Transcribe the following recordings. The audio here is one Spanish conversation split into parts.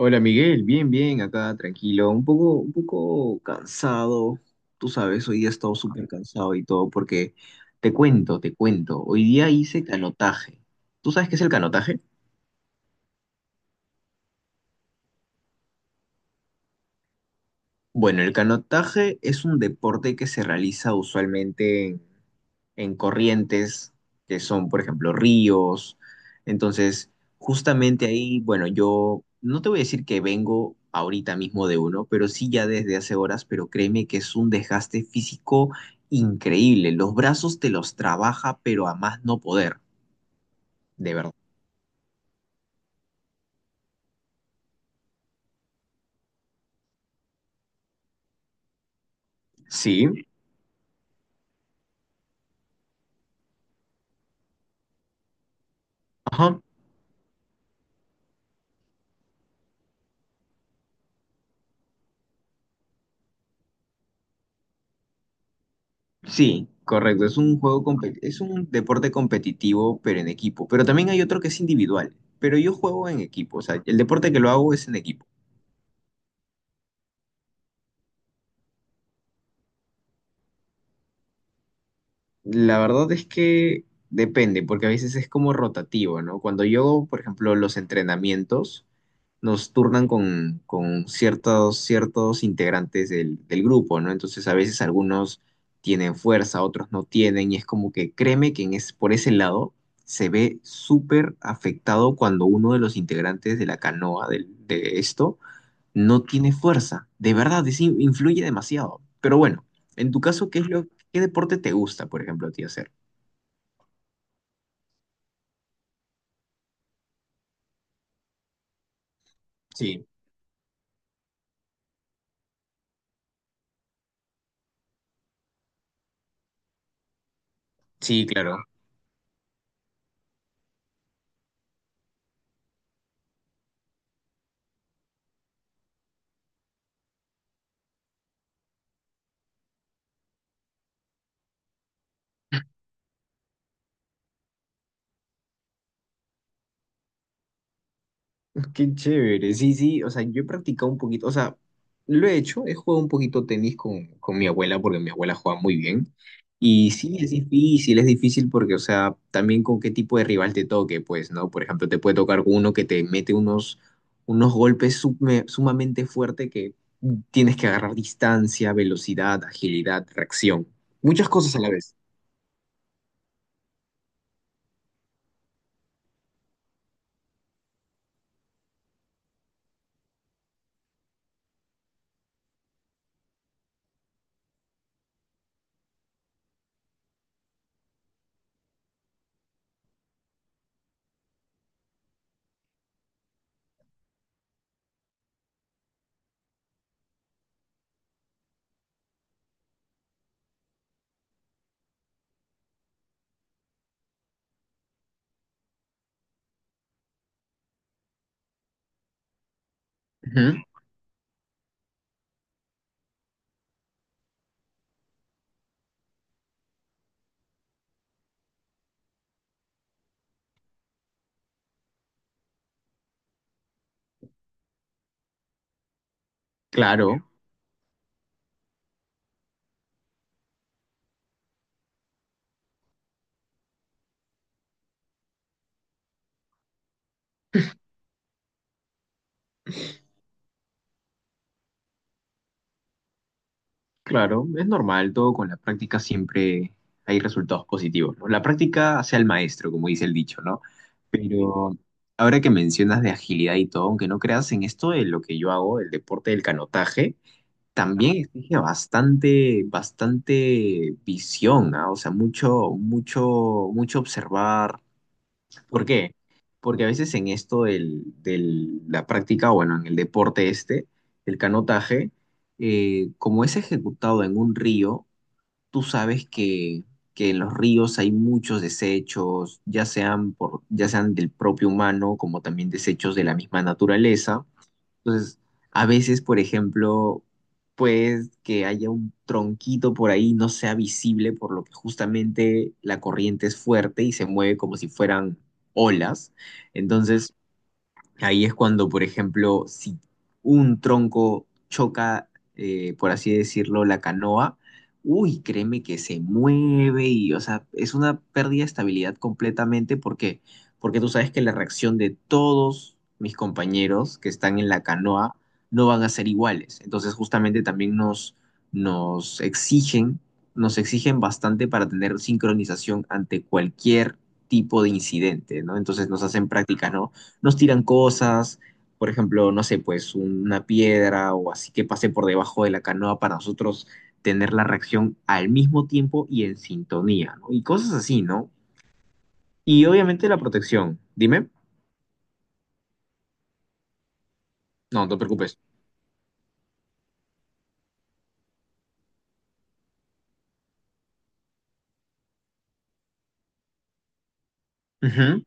Hola Miguel, bien, bien, acá tranquilo, un poco cansado, tú sabes, hoy día he estado súper cansado y todo, porque te cuento, hoy día hice canotaje. ¿Tú sabes qué es el canotaje? Bueno, el canotaje es un deporte que se realiza usualmente en corrientes, que son, por ejemplo, ríos. Entonces, justamente ahí, bueno, yo no te voy a decir que vengo ahorita mismo de uno, pero sí ya desde hace horas, pero créeme que es un desgaste físico increíble. Los brazos te los trabaja, pero a más no poder, de verdad. Sí, ajá. Sí, correcto. Es un es un deporte competitivo, pero en equipo. Pero también hay otro que es individual. Pero yo juego en equipo, o sea, el deporte que lo hago es en equipo. La verdad es que depende, porque a veces es como rotativo, ¿no? Cuando yo, por ejemplo, los entrenamientos, nos turnan con ciertos integrantes del grupo, ¿no? Entonces a veces algunos tienen fuerza, otros no tienen, y es como que créeme que en es, por ese lado se ve súper afectado cuando uno de los integrantes de la canoa de esto no tiene fuerza. De verdad, influye demasiado. Pero bueno, en tu caso, ¿qué deporte te gusta, por ejemplo, a ti hacer? Sí, sí, claro. Qué chévere, sí, sí, o sea, yo he practicado un poquito, o sea, lo he hecho, he jugado un poquito tenis con mi abuela porque mi abuela juega muy bien. Y sí, es difícil porque, o sea, también con qué tipo de rival te toque, pues, ¿no? Por ejemplo, te puede tocar uno que te mete unos sumamente fuerte que tienes que agarrar distancia, velocidad, agilidad, reacción, muchas cosas a la vez. Ujú, claro. Claro, es normal, todo con la práctica siempre hay resultados positivos, ¿no? La práctica hace al maestro, como dice el dicho, ¿no? Pero ahora que mencionas de agilidad y todo, aunque no creas en esto de lo que yo hago, el deporte del canotaje, también exige bastante, bastante visión, ¿ah? O sea, mucho, mucho, mucho observar. ¿Por qué? Porque a veces en esto la práctica, bueno, en el deporte este, el canotaje, como es ejecutado en un río, tú sabes que en los ríos hay muchos desechos, ya sean por, ya sean del propio humano, como también desechos de la misma naturaleza. Entonces, a veces, por ejemplo, pues que haya un tronquito por ahí no sea visible, por lo que justamente la corriente es fuerte y se mueve como si fueran olas. Entonces, ahí es cuando, por ejemplo, si un tronco choca, por así decirlo, la canoa, uy, créeme que se mueve y, o sea, es una pérdida de estabilidad completamente. ¿Por qué? Porque tú sabes que la reacción de todos mis compañeros que están en la canoa no van a ser iguales. Entonces, justamente también nos exigen, nos exigen bastante para tener sincronización ante cualquier tipo de incidente, ¿no? Entonces nos hacen prácticas, ¿no? Nos tiran cosas, por ejemplo, no sé, pues una piedra o así que pase por debajo de la canoa para nosotros tener la reacción al mismo tiempo y en sintonía, ¿no? Y cosas así, ¿no? Y obviamente la protección. Dime. No, no te preocupes. Ujú,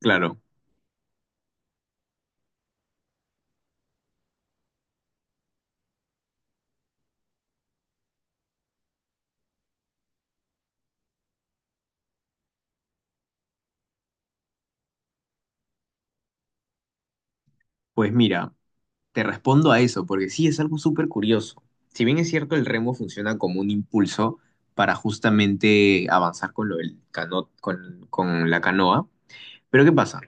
claro. Pues mira, te respondo a eso, porque sí es algo súper curioso. Si bien es cierto, el remo funciona como un impulso para justamente avanzar con con la canoa. Pero ¿qué pasa?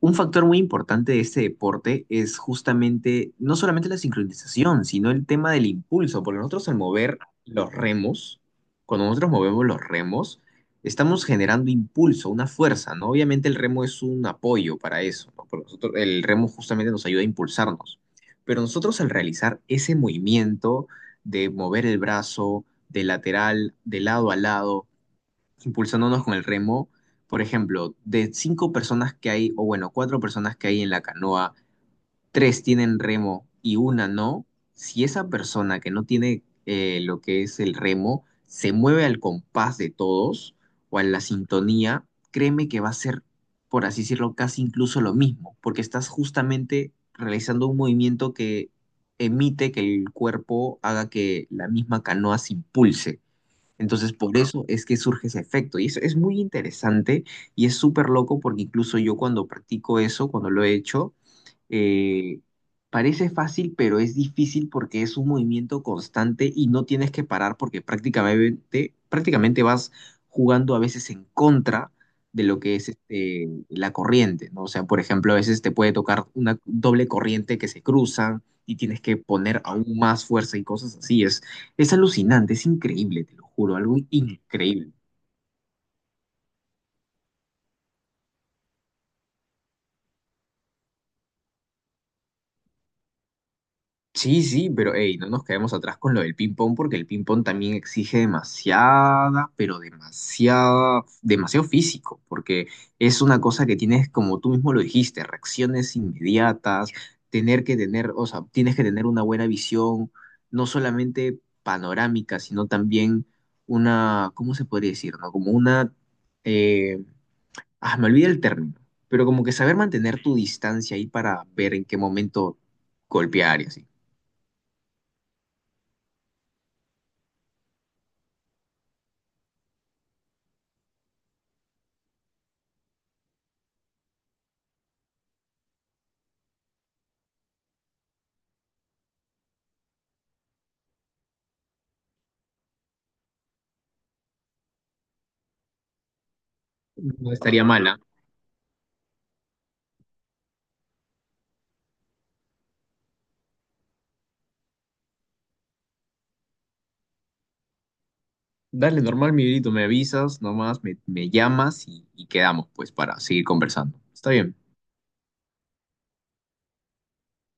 Un factor muy importante de este deporte es justamente no solamente la sincronización, sino el tema del impulso, porque nosotros al mover los remos, cuando nosotros movemos los remos, estamos generando impulso, una fuerza, ¿no? Obviamente el remo es un apoyo para eso, ¿no? Porque nosotros, el remo justamente nos ayuda a impulsarnos, pero nosotros al realizar ese movimiento de mover el brazo de lateral, de lado a lado, impulsándonos con el remo, por ejemplo, de cinco personas que hay, o bueno, cuatro personas que hay en la canoa, tres tienen remo y una no, si esa persona que no tiene lo que es el remo se mueve al compás de todos o a la sintonía, créeme que va a ser, por así decirlo, casi incluso lo mismo, porque estás justamente realizando un movimiento que emite que el cuerpo haga que la misma canoa se impulse. Entonces, por eso es que surge ese efecto. Y eso es muy interesante y es súper loco porque incluso yo cuando practico eso, cuando lo he hecho, eh, parece fácil, pero es difícil porque es un movimiento constante y no tienes que parar porque prácticamente vas jugando a veces en contra de lo que es este, la corriente, ¿no? O sea, por ejemplo, a veces te puede tocar una doble corriente que se cruzan y tienes que poner aún más fuerza y cosas así. Es alucinante, es increíble, te lo juro, algo increíble. Sí, sí, pero hey, no nos quedemos atrás con lo del ping-pong porque el ping-pong también exige demasiada, pero demasiada, demasiado físico, porque es una cosa que tienes, como tú mismo lo dijiste, reacciones inmediatas, tener que tener, o sea, tienes que tener una buena visión, no solamente panorámica, sino también una, ¿cómo se podría decir? ¿No? Como una, eh, me olvidé el término, pero como que saber mantener tu distancia ahí para ver en qué momento golpear y así. No estaría mala. Dale, normal, mi grito, me avisas, nomás me llamas y quedamos, pues, para seguir conversando. Está bien.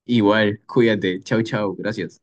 Igual, cuídate. Chau, chau. Gracias.